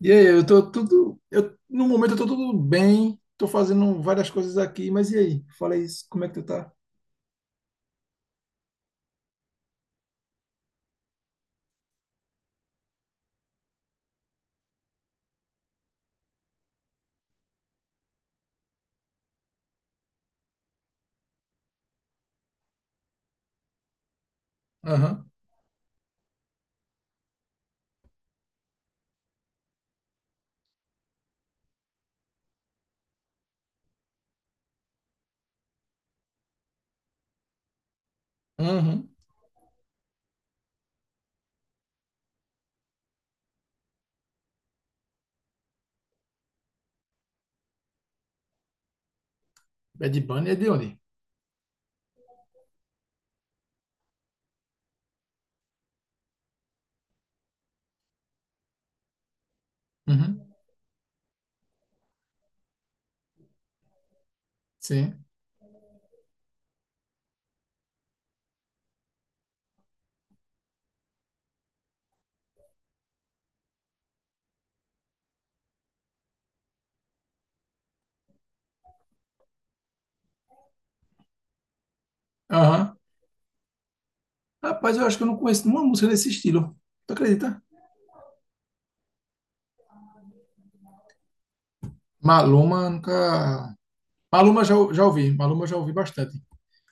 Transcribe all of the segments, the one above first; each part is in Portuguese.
E aí, eu tô tudo. No momento eu tô tudo bem, tô fazendo várias coisas aqui, mas e aí? Fala isso, como é que tu tá? Aham, aham. Bad Bunny é de onde? Uhum, sim. Aham. Rapaz, eu acho que eu não conheço nenhuma música desse estilo. Tu acredita? Maluma nunca. Maluma já ouvi, Maluma já ouvi bastante.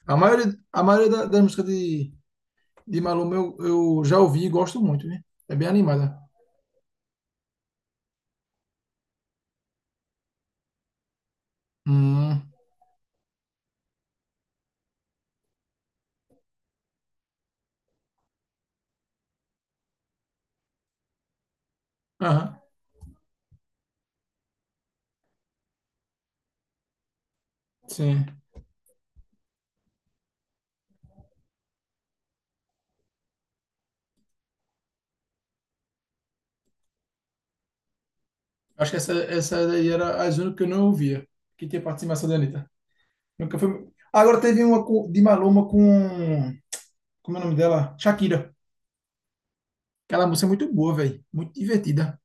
A maioria, a maioria das músicas de Maluma eu já ouvi e gosto muito, né? É bem animada. Hum, aham, sim. Acho que essa daí era a única que eu não ouvia, que tinha participação da Anitta. Nunca foi. Agora teve uma de Maluma com. Como é o nome dela? Shakira. Aquela música é muito boa, velho. Muito divertida.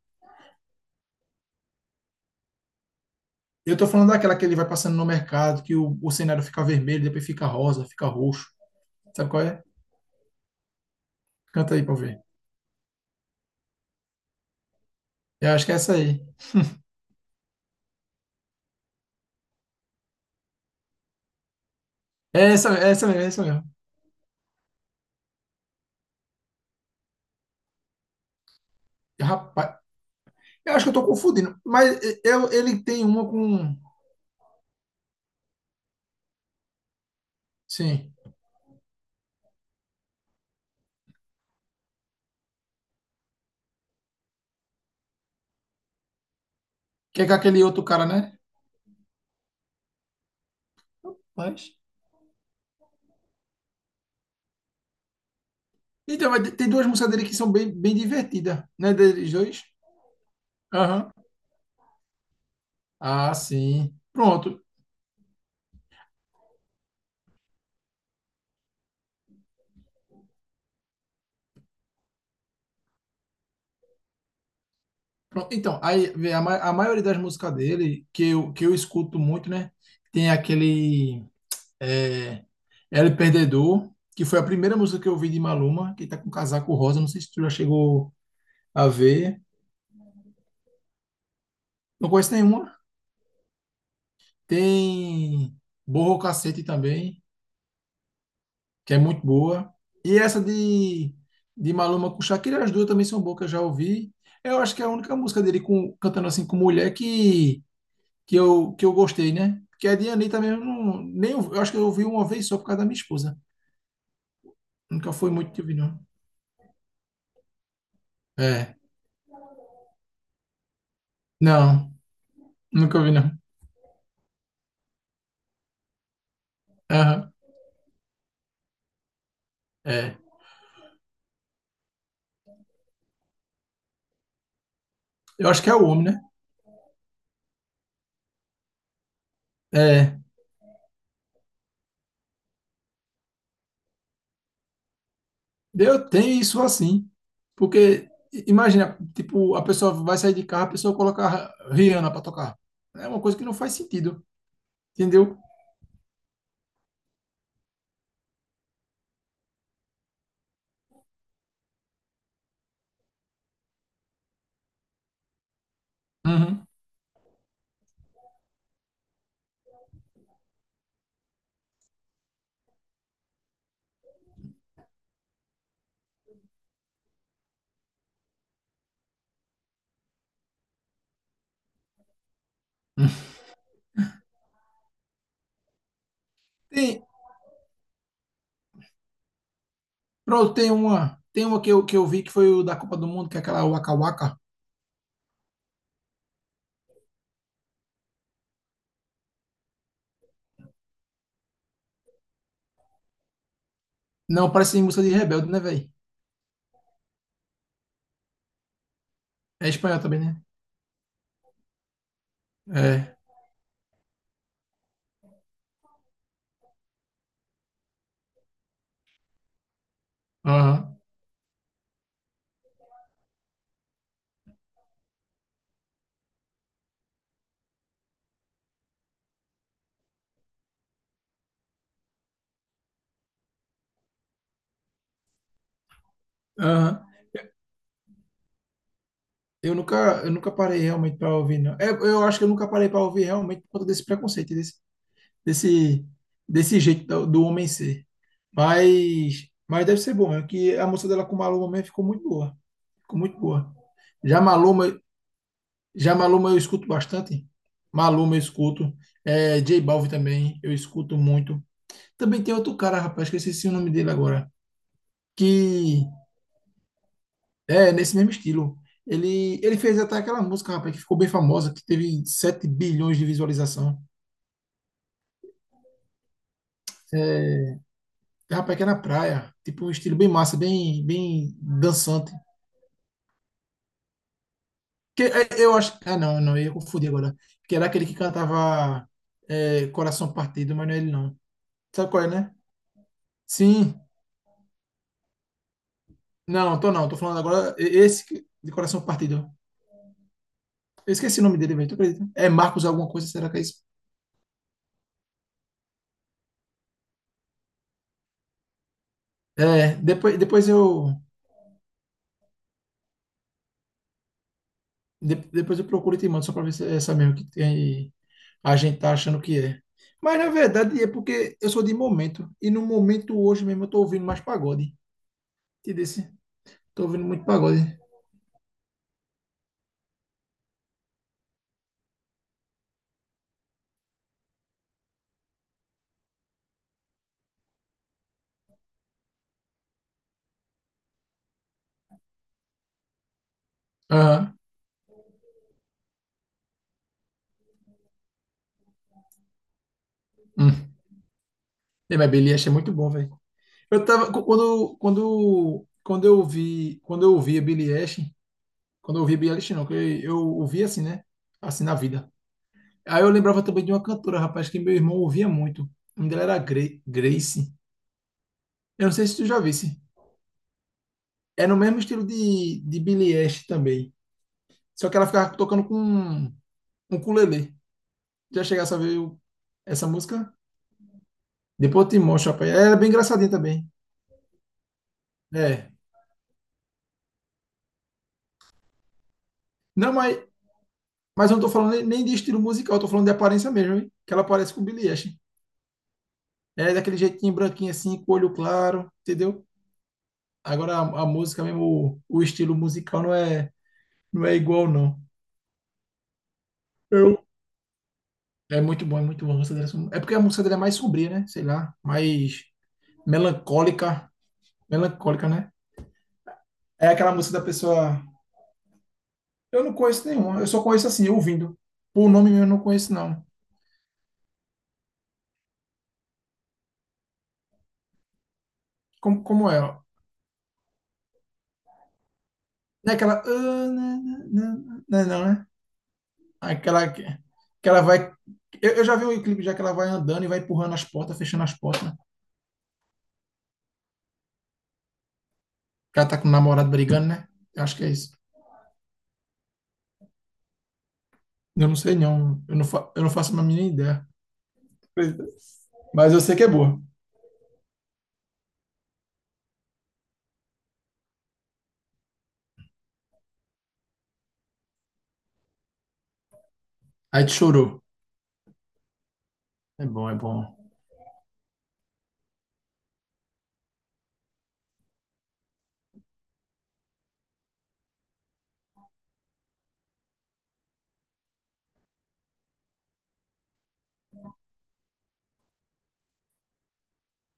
Eu tô falando daquela que ele vai passando no mercado, que o cenário fica vermelho, depois fica rosa, fica roxo. Sabe qual é? Canta aí pra eu ver. Eu acho que é essa aí. É essa mesmo, é essa mesmo. Rapaz, eu acho que eu tô confundindo. Mas ele tem uma com. Sim. Que é com aquele outro cara, né? Mas. Então, mas tem duas músicas dele que são bem, bem divertidas, né? Deles dois. Aham. Ah, sim. Pronto. Pronto. Então, aí vê, a maioria das músicas dele, que eu escuto muito, né? Tem aquele é, El Perdedor, que foi a primeira música que eu vi de Maluma, que tá com casaco rosa. Não sei se tu já chegou a ver. Não conheço nenhuma. Tem Borro Cacete também, que é muito boa. E essa de Maluma com Shakira, as duas também são boas, que eu já ouvi. Eu acho que é a única música dele cantando assim com mulher que eu gostei, né? Porque a de Anitta mesmo, não, nem, eu acho que eu ouvi uma vez só por causa da minha esposa. Nunca foi muito que eu vi, não. É. Não, nunca ouvi, não. Aham, é. Eu acho que é o homem, né? É. Eu tenho isso assim. Porque, imagina, tipo, a pessoa vai sair de carro, a pessoa coloca a Rihanna pra tocar. É uma coisa que não faz sentido, entendeu? Uhum. Tem, pronto, tem uma. Tem uma que eu vi que foi o da Copa do Mundo, que é aquela Waka Waka. Não, parece música de Rebelde, né, velho? É espanhol também, né? É. Aham. Aham. Eu nunca parei realmente para ouvir, não. É, eu acho que eu nunca parei para ouvir realmente por conta desse preconceito, desse, desse jeito do homem ser. Mas deve ser bom, é que a música dela com o Maluma mesmo ficou muito boa. Ficou muito boa. Já Maluma, Já Maluma eu escuto bastante. Maluma eu escuto. É, J Balvin também eu escuto muito. Também tem outro cara, rapaz, que eu esqueci o nome dele agora. Que é nesse mesmo estilo. Ele fez até aquela música, rapaz, que ficou bem famosa, que teve 7 bilhões de visualização. É, rapaz, que é na praia. Tipo um estilo bem massa, bem, bem dançante. Que, eu acho. Ah, não, não, eu ia confundir agora. Que era aquele que cantava Coração Partido, mas não é ele não. Sabe qual é, né? Sim, não, tô não, tô falando agora esse de coração partido. Eu esqueci o nome dele, velho, tu acredita? É Marcos alguma coisa, será que é isso? É, depois eu procuro e te mando só pra ver se é essa mesmo que tem, a gente tá achando que é. Mas na verdade é porque eu sou de momento e no momento hoje mesmo eu tô ouvindo mais pagode. Te disse, tô ouvindo muito pagode. Aham. Hum. Mas Billie Eilish é muito bom, velho. Eu tava quando eu ouvi a Billie Eilish. Quando eu ouvia Billie Eilish, não, que eu ouvia assim, né? Assim na vida. Aí eu lembrava também de uma cantora, rapaz, que meu irmão ouvia muito. O nome dela era Grace. Eu não sei se tu já visse. É no mesmo estilo de Billie Eilish também. Só que ela ficava tocando com um ukulele. Já chegasse a ver essa música? Depois eu te mostro, rapaz. Ela é bem engraçadinha também. É. Não, mas eu não tô falando nem de estilo musical, eu tô falando de aparência mesmo, hein? Que ela parece com Billie Eilish. É daquele jeitinho branquinho assim, com olho claro, entendeu? Agora a música mesmo, o estilo musical não é, não é igual, não. Eu. É muito bom a música dele. É porque a música dele é mais sombria, né? Sei lá, mais melancólica. Melancólica, né? É aquela música da pessoa. Eu não conheço nenhuma, eu só conheço assim, ouvindo. Por nome mesmo eu não conheço, não. Como é, ó? Não é aquela. "Ah, né, né, né, né", não, né? Aquela que ela vai. Eu já vi um clipe já que ela vai andando e vai empurrando as portas, fechando as portas, né? Que ela tá com o namorado brigando, né? Eu acho que é isso. Eu não sei não. Eu não faço uma mínima ideia. Pois é. Mas eu sei que é boa. Aí te chorou. É bom, é bom.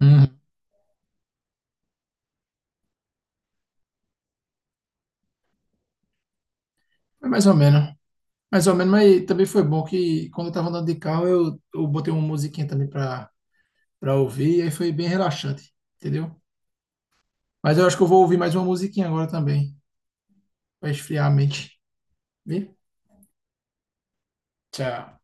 Uhum. É mais ou menos. Mais ou menos, mas também foi bom que quando eu tava andando de carro, eu botei uma musiquinha também pra ouvir, e aí foi bem relaxante, entendeu? Mas eu acho que eu vou ouvir mais uma musiquinha agora também, pra esfriar a mente. Viu? Tchau.